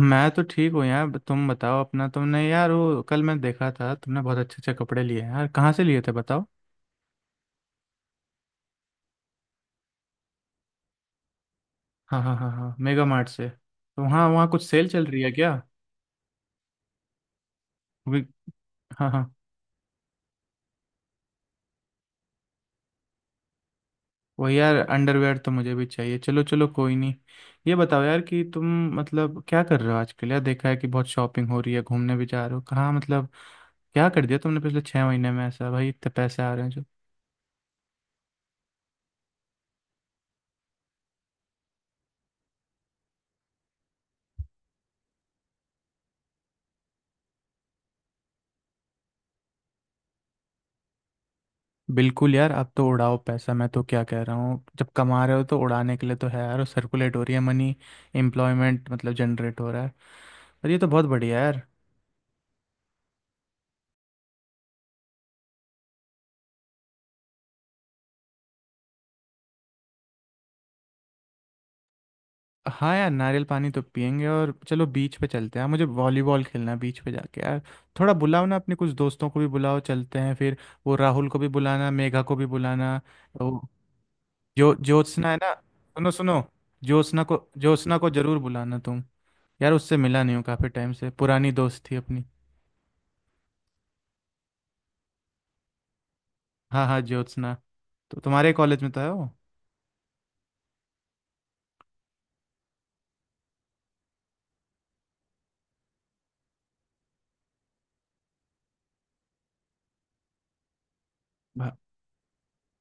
मैं तो ठीक हूँ यार। तुम बताओ अपना। तुमने यार वो कल मैं देखा था, तुमने बहुत अच्छे अच्छे कपड़े लिए हैं यार, कहाँ से लिए थे बताओ। हाँ हाँ हाँ हाँ, मेगा मार्ट से। तो वहाँ वहाँ कुछ सेल चल रही है क्या? वी- हाँ हाँ। वो यार अंडरवेयर तो मुझे भी चाहिए। चलो चलो, कोई नहीं। ये बताओ यार कि तुम, मतलब क्या कर रहे हो आजकल यार? देखा है कि बहुत शॉपिंग हो रही है, घूमने भी जा रहे हो कहाँ, मतलब क्या कर दिया तुमने पिछले 6 महीने में ऐसा? भाई इतने पैसे आ रहे हैं। बिल्कुल यार, अब तो उड़ाओ पैसा। मैं तो क्या कह रहा हूँ, जब कमा रहे हो तो उड़ाने के लिए तो है यार, और सर्कुलेट हो रही है मनी, एम्प्लॉयमेंट मतलब जनरेट हो रहा है। और ये तो बहुत बढ़िया है यार। हाँ यार, नारियल पानी तो पियेंगे, और चलो बीच पे चलते हैं, मुझे वॉलीबॉल खेलना है बीच पे जाके यार। थोड़ा बुलाओ ना, अपने कुछ दोस्तों को भी बुलाओ, चलते हैं फिर। वो राहुल को भी बुलाना, मेघा को भी बुलाना। वो जो ज्योत्सना है ना, सुनो सुनो, ज्योत्सना को, ज्योत्सना को जरूर बुलाना तुम। यार उससे मिला नहीं हूँ काफ़ी टाइम से, पुरानी दोस्त थी अपनी। हाँ हाँ ज्योत्सना। तो तुम्हारे कॉलेज में तो है वो। भा,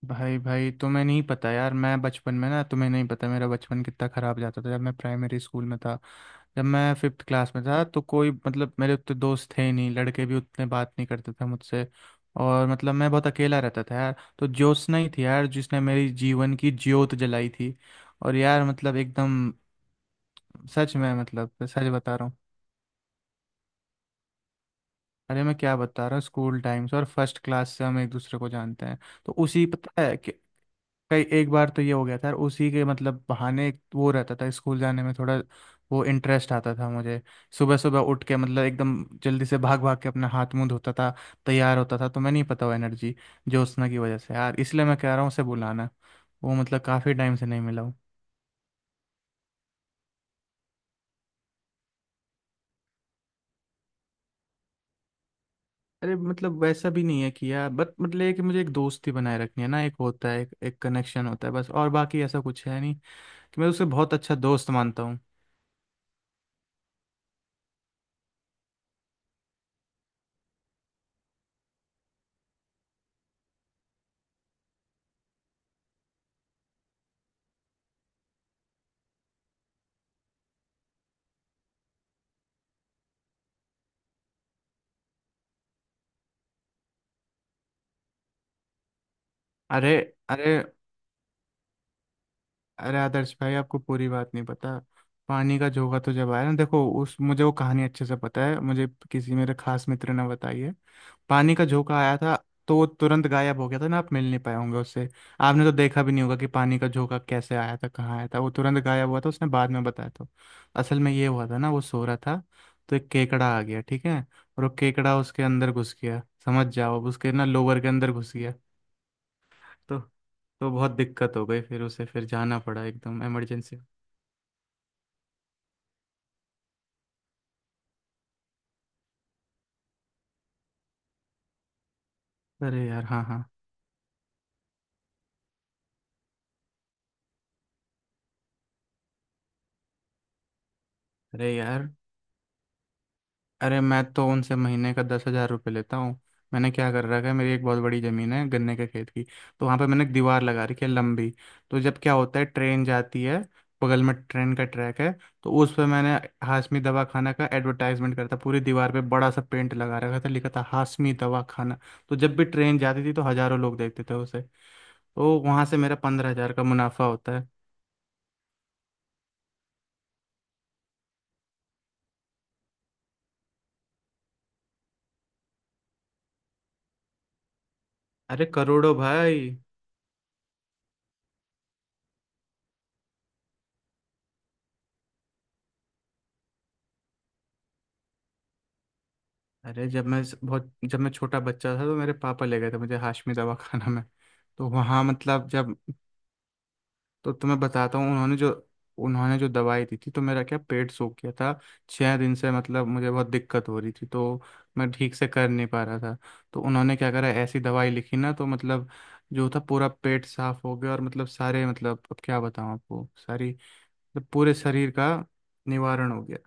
भाई भाई तुम्हें नहीं पता यार, मैं बचपन में ना, तुम्हें नहीं पता मेरा बचपन कितना ख़राब जाता था। जब मैं प्राइमरी स्कूल में था, जब मैं फिफ्थ क्लास में था, तो कोई मतलब मेरे उतने दोस्त थे ही नहीं, लड़के भी उतने बात नहीं करते थे मुझसे, और मतलब मैं बहुत अकेला रहता था यार। तो ज्योत्सना ही थी यार जिसने मेरी जीवन की ज्योत जलाई थी, और यार मतलब एकदम, सच में, मतलब सच बता रहा हूँ। अरे मैं क्या बता रहा हूँ, स्कूल टाइम से, और फर्स्ट क्लास से हम एक दूसरे को जानते हैं। तो उसी पता है कि, कई एक बार तो ये हो गया था, और उसी के मतलब बहाने एक, वो रहता था स्कूल जाने में थोड़ा वो इंटरेस्ट आता था मुझे। सुबह सुबह उठ के मतलब एकदम जल्दी से, भाग भाग के अपना हाथ मुंह धोता था, तैयार होता था। तो मैं नहीं पता वो एनर्जी, जोशना की वजह से यार। इसलिए मैं कह रहा हूँ उसे बुलाना। वो मतलब काफ़ी टाइम से नहीं मिला हूँ। अरे मतलब वैसा भी नहीं है कि यार, बट मतलब ये कि मुझे एक दोस्ती बनाए रखनी है ना। एक होता है एक कनेक्शन होता है बस, और बाकी ऐसा कुछ है नहीं। कि मैं उसे बहुत अच्छा दोस्त मानता हूँ। अरे, अरे, अरे आदर्श भाई आपको पूरी बात नहीं पता। पानी का जोगा तो जब आया ना, देखो उस, मुझे वो कहानी अच्छे से पता है, मुझे किसी मेरे खास मित्र ने बताई है। पानी का झोंका आया था, तो वो तुरंत गायब हो गया था ना। आप मिल नहीं पाए होंगे उससे। आपने तो देखा भी नहीं होगा कि पानी का झोंका कैसे आया था, कहाँ आया था। वो तुरंत गायब हुआ था, उसने बाद में बताया था। असल में ये हुआ था ना, वो सो रहा था, तो एक केकड़ा आ गया, ठीक है। और वो केकड़ा उसके अंदर घुस गया, समझ जाओ, अब उसके ना लोवर के अंदर घुस गया। तो तो बहुत दिक्कत हो गई, फिर उसे फिर जाना पड़ा एकदम इमरजेंसी। अरे यार हाँ हाँ। अरे यार। अरे मैं तो उनसे महीने का 10,000 रुपये लेता हूँ। मैंने क्या कर रखा है, मेरी एक बहुत बड़ी ज़मीन है गन्ने के खेत की। तो वहाँ पे मैंने एक दीवार लगा रखी है लंबी। तो जब क्या होता है, ट्रेन जाती है, बगल में ट्रेन का ट्रैक है। तो उस पर मैंने हाशमी दवाखाना का एडवर्टाइजमेंट करता, पूरी दीवार पे बड़ा सा पेंट लगा रखा था, लिखा था हाशमी दवाखाना। तो जब भी ट्रेन जाती थी तो हज़ारों लोग देखते थे उसे। तो वहाँ से मेरा 15,000 का मुनाफा होता है। अरे करोड़ों भाई। अरे जब मैं छोटा बच्चा था, तो मेरे पापा ले गए थे मुझे हाशमी दवाखाना में। तो वहाँ मतलब जब, तो तुम्हें बताता हूँ उन्होंने जो दवाई दी थी, तो मेरा क्या पेट सूख गया था। 6 दिन से मतलब मुझे बहुत दिक्कत हो रही थी, तो मैं ठीक से कर नहीं पा रहा था। तो उन्होंने क्या करा, ऐसी दवाई लिखी ना तो मतलब, जो था पूरा पेट साफ हो गया, और मतलब सारे, मतलब अब क्या बताऊँ आपको सारी, मतलब पूरे शरीर का निवारण हो गया।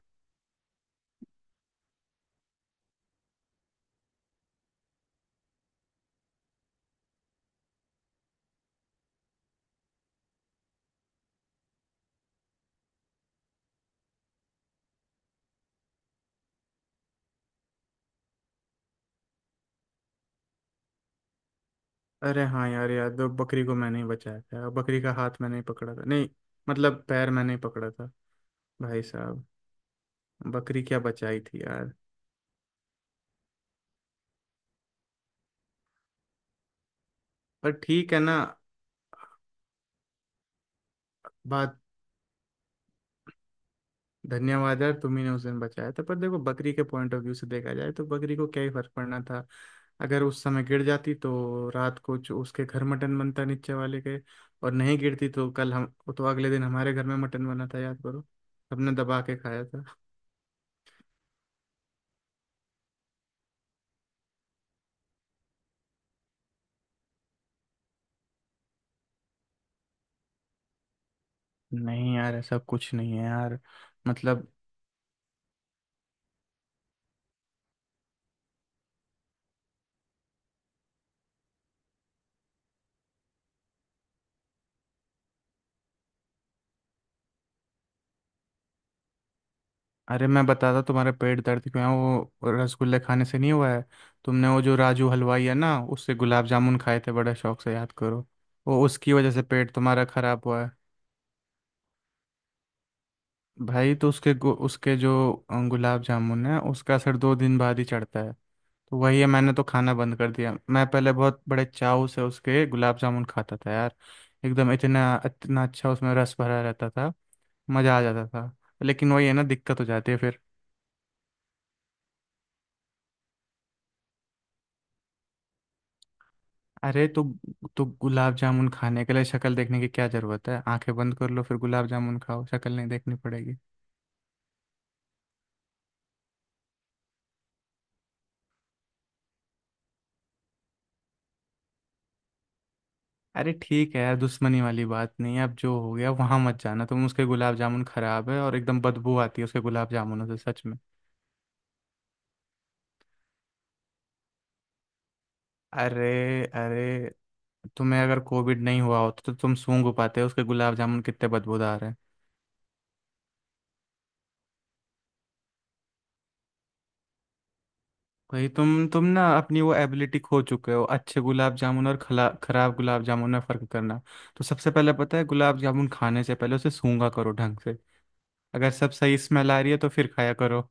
अरे हाँ यार याद है, बकरी को मैंने ही बचाया था, और बकरी का हाथ मैंने ही पकड़ा था, नहीं, मतलब पैर मैंने ही पकड़ा था। भाई साहब, बकरी क्या बचाई थी यार। पर ठीक है ना बात। धन्यवाद यार, तुम्ही ने उस दिन बचाया था। पर देखो बकरी के पॉइंट ऑफ व्यू से देखा जाए, तो बकरी को क्या ही फर्क पड़ना था। अगर उस समय गिर जाती तो रात को जो उसके घर मटन बनता नीचे वाले के, और नहीं गिरती तो कल हम, तो अगले दिन हमारे घर में मटन बना था, याद करो, सबने दबा के खाया था। नहीं यार, ऐसा कुछ नहीं है यार, मतलब। अरे मैं बताता तुम्हारे पेट दर्द क्यों है, वो रसगुल्ले खाने से नहीं हुआ है। तुमने वो जो राजू हलवाई है ना, उससे गुलाब जामुन खाए थे बड़े शौक से, याद करो, वो उसकी वजह से पेट तुम्हारा खराब हुआ है। भाई तो उसके गु-, उसके जो गुलाब जामुन है, उसका असर 2 दिन बाद ही चढ़ता है। तो वही है, मैंने तो खाना बंद कर दिया। मैं पहले बहुत बड़े चाव से उसके गुलाब जामुन खाता था यार, एकदम, इतना इतना अच्छा, उसमें रस भरा रहता था, मज़ा आ जाता था। लेकिन वही है ना, दिक्कत हो जाती है फिर। अरे तो गुलाब जामुन खाने के लिए शक्ल देखने की क्या जरूरत है। आंखें बंद कर लो फिर गुलाब जामुन खाओ, शक्ल नहीं देखनी पड़ेगी। अरे ठीक है यार, दुश्मनी वाली बात नहीं है। अब जो हो गया, वहां मत जाना तुम, उसके गुलाब जामुन खराब है, और एकदम बदबू आती है उसके गुलाब जामुनों से, सच में। अरे, अरे, तुम्हें अगर कोविड नहीं हुआ होता, तो तुम सूंघ पाते उसके गुलाब जामुन कितने बदबूदार हैं। भाई तुम ना अपनी वो एबिलिटी खो चुके हो, अच्छे गुलाब जामुन और खला खराब गुलाब जामुन में फर्क करना। तो सबसे पहले पता है, गुलाब जामुन खाने से पहले उसे सूंघा करो ढंग से, अगर सब सही स्मेल आ रही है, तो फिर खाया करो।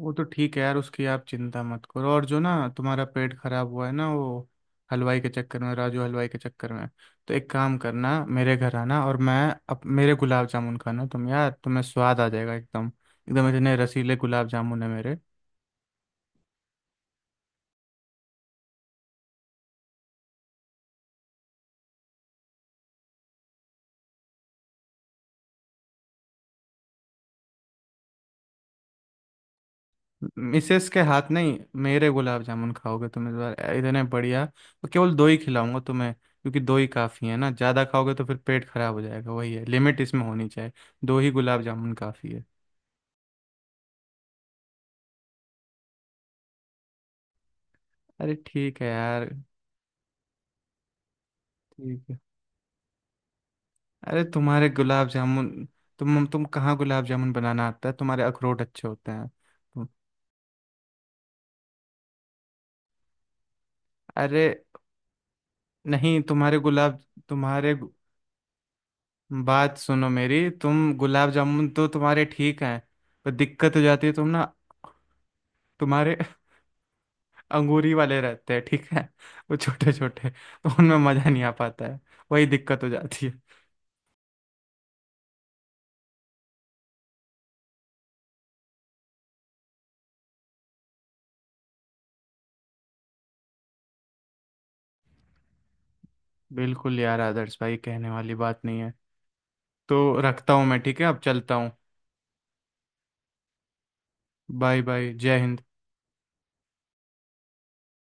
वो तो ठीक है यार, उसकी आप चिंता मत करो। और जो ना तुम्हारा पेट खराब हुआ है ना, वो हलवाई के चक्कर में, राजू हलवाई के चक्कर में। तो एक काम करना, मेरे घर आना, और मैं, अब मेरे गुलाब जामुन खाना तुम यार, तुम्हें स्वाद आ जाएगा एकदम, एकदम इतने रसीले गुलाब जामुन है मेरे। मिसेस के हाथ नहीं, मेरे गुलाब जामुन खाओगे तुम इस बार, इतने बढ़िया। और केवल दो ही खिलाऊंगा तुम्हें, क्योंकि दो ही काफ़ी है ना, ज़्यादा खाओगे तो फिर पेट खराब हो जाएगा। वही है, लिमिट इसमें होनी चाहिए, दो ही गुलाब जामुन काफ़ी है। अरे ठीक है यार, ठीक है। अरे तुम्हारे गुलाब जामुन, तुम कहाँ, गुलाब जामुन बनाना आता है तुम्हारे? अखरोट अच्छे होते हैं अरे नहीं, तुम्हारे गुलाब, तुम्हारे गु- बात सुनो मेरी, तुम गुलाब जामुन तो तुम्हारे ठीक हैं, पर दिक्कत हो जाती है तुम ना, तुम्हारे अंगूरी वाले रहते हैं, ठीक है, वो छोटे छोटे, तो उनमें मजा नहीं आ पाता है, वही दिक्कत हो जाती है। बिल्कुल यार आदर्श भाई, कहने वाली बात नहीं है। तो रखता हूँ मैं, ठीक है, अब चलता हूँ। बाय बाय, जय हिंद।